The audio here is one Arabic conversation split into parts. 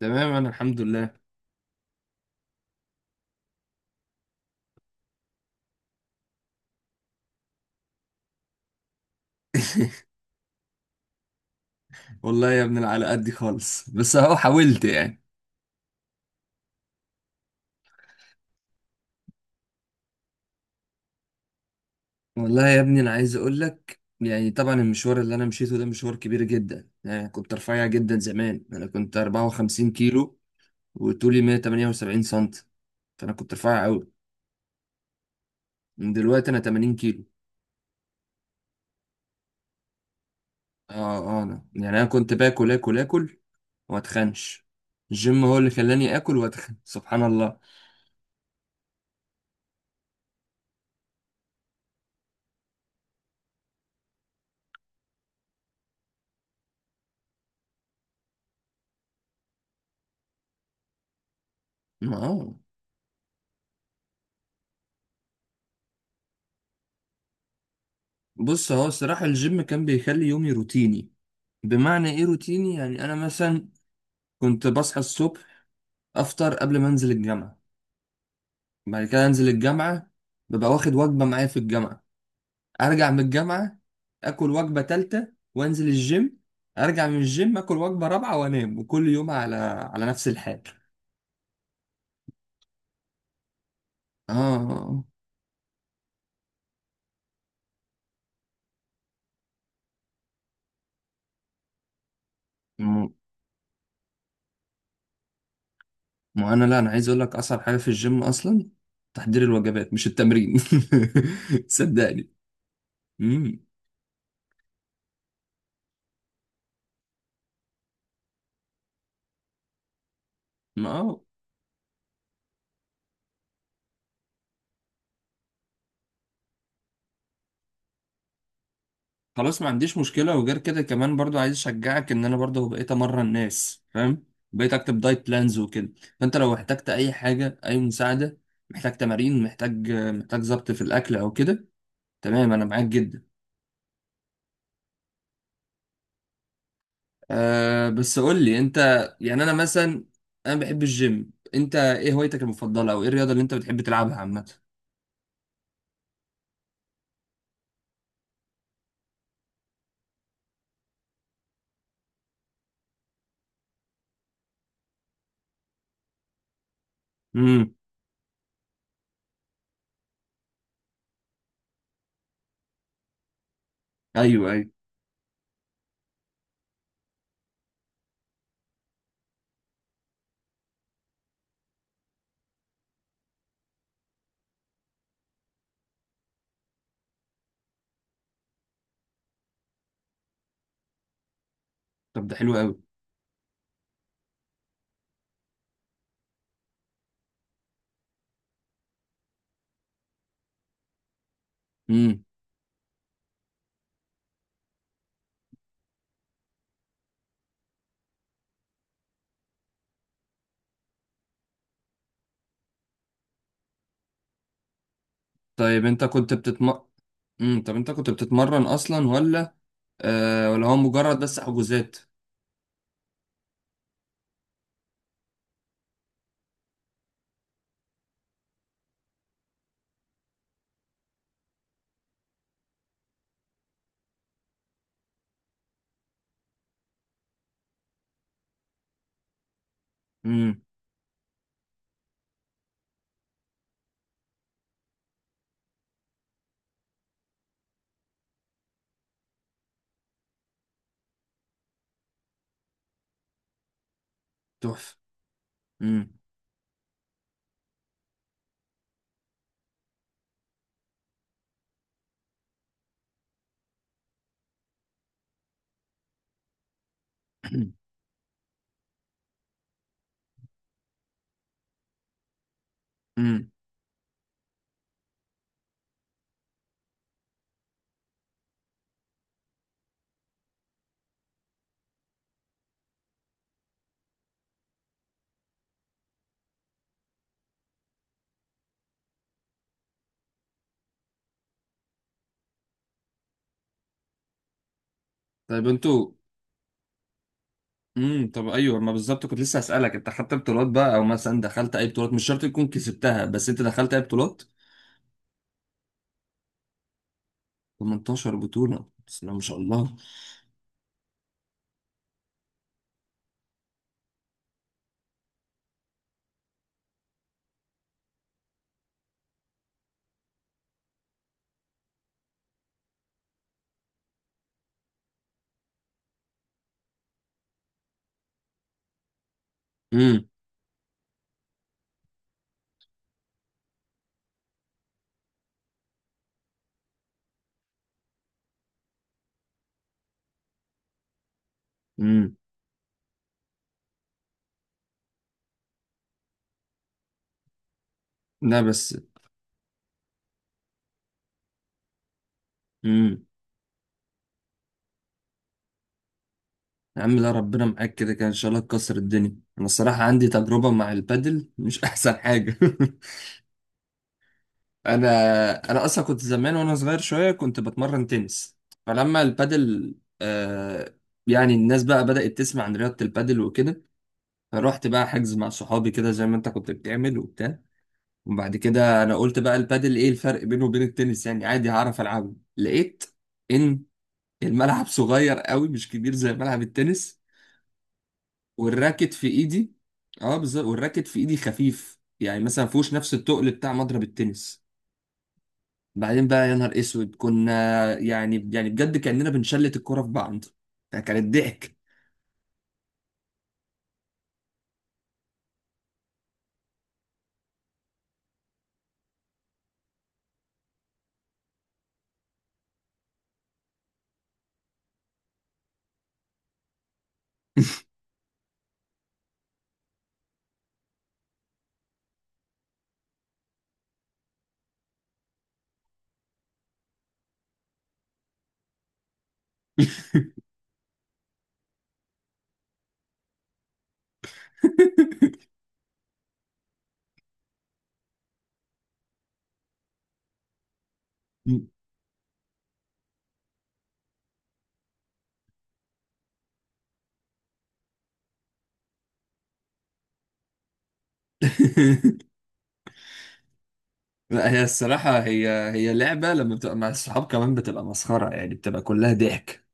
تمام، انا الحمد لله. والله يا ابني أنا على قدي خالص، بس اهو حاولت يعني. والله يا ابني انا عايز اقول لك، يعني طبعا المشوار اللي انا مشيته ده مشوار كبير جدا. يعني كنت رفيع جدا زمان، انا كنت 54 كيلو وطولي 178 سنتي، فانا كنت رفيع قوي. من دلوقتي انا 80 كيلو. اه اه، انا يعني انا كنت باكل اكل اكل واتخنش. الجيم هو اللي خلاني اكل واتخن سبحان الله. اه، بص هو الصراحة الجيم كان بيخلي يومي روتيني. بمعنى ايه روتيني؟ يعني انا مثلا كنت بصحى الصبح، افطر قبل ما انزل الجامعة، بعد كده انزل الجامعة، ببقى واخد وجبة معايا في الجامعة، ارجع من الجامعة اكل وجبة تالتة وانزل الجيم، ارجع من الجيم اكل وجبة رابعة وانام، وكل يوم على نفس الحال. اه، آه. آه. ما انا لا انا عايز اقول لك اصعب حاجة في الجيم اصلا تحضير الوجبات، مش التمرين. صدقني. امم خلاص ما عنديش مشكلة، وغير كده كمان برضو عايز اشجعك ان انا برضو بقيت امرن الناس فاهم، بقيت اكتب دايت بلانز وكده. فانت لو احتجت اي حاجة، اي مساعدة، محتاج تمارين، محتاج ظبط في الاكل او كده، تمام انا معاك جدا. أه بس قول لي انت، يعني انا مثلا انا بحب الجيم، انت ايه هوايتك المفضلة او ايه الرياضة اللي انت بتحب تلعبها عامة؟ امم. ايوه ايوه. طب ده حلو قوي. امم. طيب انت كنت بتتم. امم، طب انت كنت بتتمرن اصلا، ولا آه ولا هو مجرد بس حجوزات؟ امم. تحفه. امم. امم. طيب انتوا. امم، طب ايوه، ما بالظبط كنت لسه هسألك، انت خدت بطولات بقى او مثلا دخلت اي بطولات؟ مش شرط تكون كسبتها، بس انت دخلت اي بطولات؟ 18 بطولة، بسم الله ما شاء الله. امم. امم. لا بس. امم. يا عم لا، ربنا معاك كده كده ان شاء الله تكسر الدنيا. انا الصراحة عندي تجربة مع البادل مش احسن حاجة. انا انا اصلا كنت زمان وانا صغير شويه كنت بتمرن تنس، فلما البادل، آه، يعني الناس بقى بدأت تسمع عن رياضه البادل وكده، فروحت بقى حجز مع صحابي كده زي ما انت كنت بتعمل وبتاع. وبعد كده انا قلت بقى البادل ايه الفرق بينه وبين التنس؟ يعني عادي هعرف العبه. لقيت ان الملعب صغير قوي، مش كبير زي ملعب التنس، والراكت في ايدي. اه بالظبط، والراكت في ايدي خفيف، يعني مثلا مفيهوش نفس التقل بتاع مضرب التنس. بعدين بقى يا نهار اسود كنا، يعني بجد كأننا بنشلت الكرة في بعض، ده كانت ضحك. لا هي الصراحة، هي لعبة لما بتبقى مع الصحاب كمان بتبقى مسخرة، يعني بتبقى كلها ضحك.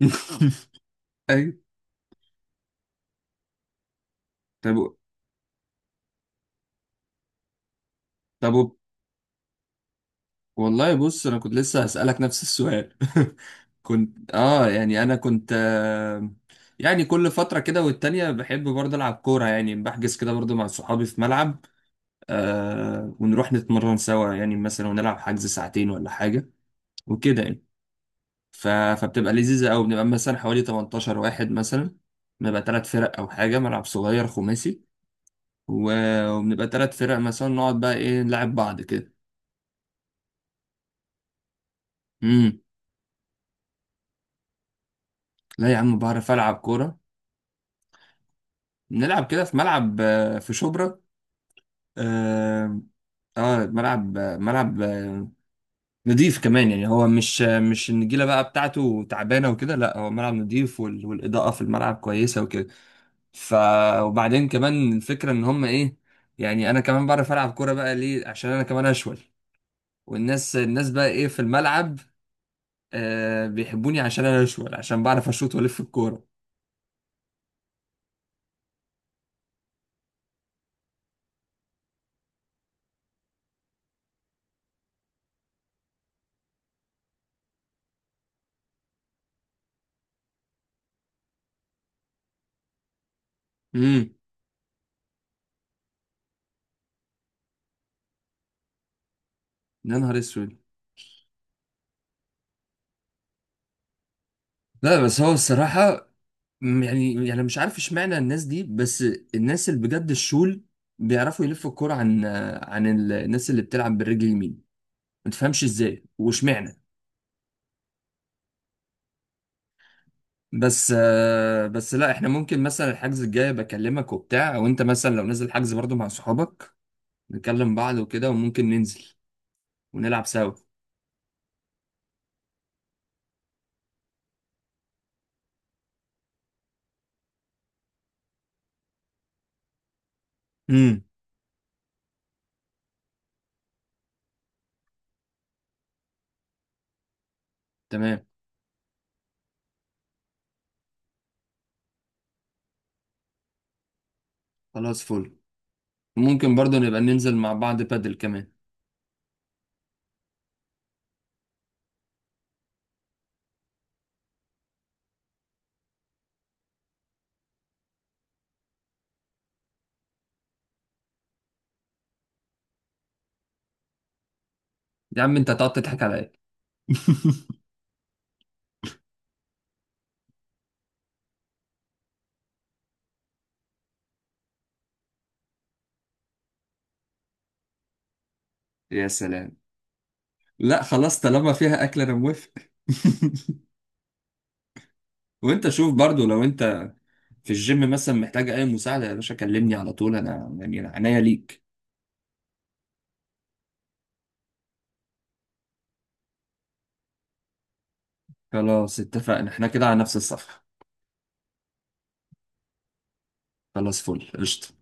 أيوة. طب. طب وب- والله بص أنا كنت لسه هسألك نفس السؤال. كنت آه، يعني أنا كنت يعني كل فترة كده والتانية بحب برضه ألعب كورة، يعني بحجز كده برضه مع صحابي في ملعب، آه، ونروح نتمرن سوا يعني مثلا ونلعب حجز ساعتين ولا حاجة وكده يعني. ف... فبتبقى لذيذة أوي، بنبقى مثلا حوالي 18 واحد مثلا، بنبقى تلات فرق أو حاجة، ملعب صغير خماسي، وبنبقى تلات فرق مثلا نقعد بقى إيه نلعب بعض كده. امم لا يا عم بعرف ألعب كورة. نلعب كده في ملعب، آه، في شبرا. اه، آه، ملعب، نضيف كمان، يعني هو مش آه، مش النجيله بقى بتاعته تعبانه وكده، لا هو ملعب نضيف، والاضاءه في الملعب كويسه وكده. ف وبعدين كمان الفكره ان هم ايه، يعني انا كمان بعرف العب كوره بقى ليه؟ عشان انا كمان اشول، والناس بقى ايه في الملعب، آه بيحبوني عشان انا اشول، عشان بعرف اشوط والف الكوره. امم يا نهار اسود. لا بس هو الصراحه، يعني مش عارف اشمعنى الناس دي، بس الناس اللي بجد الشول بيعرفوا يلفوا الكوره عن الناس اللي بتلعب بالرجل اليمين. ما تفهمش ازاي واشمعنى؟ بس آه، بس لا احنا ممكن مثلا الحجز الجاي بكلمك وبتاع، او انت مثلا لو نزل حجز برضو مع صحابك نكلم بعض وكده وممكن ننزل ونلعب سوا. امم تمام. خلاص فل. ممكن برضو نبقى ننزل مع بعض بادل كمان. يا عم انت هتقعد تضحك على ايه؟ يا سلام. لا خلاص طالما فيها اكل انا موافق. وانت شوف برضو لو انت في الجيم مثلا محتاج اي مساعدة يا باشا كلمني على طول، انا يعني أنا عينيا ليك. خلاص اتفقنا احنا كده على نفس الصفحة. خلاص فل قشطة.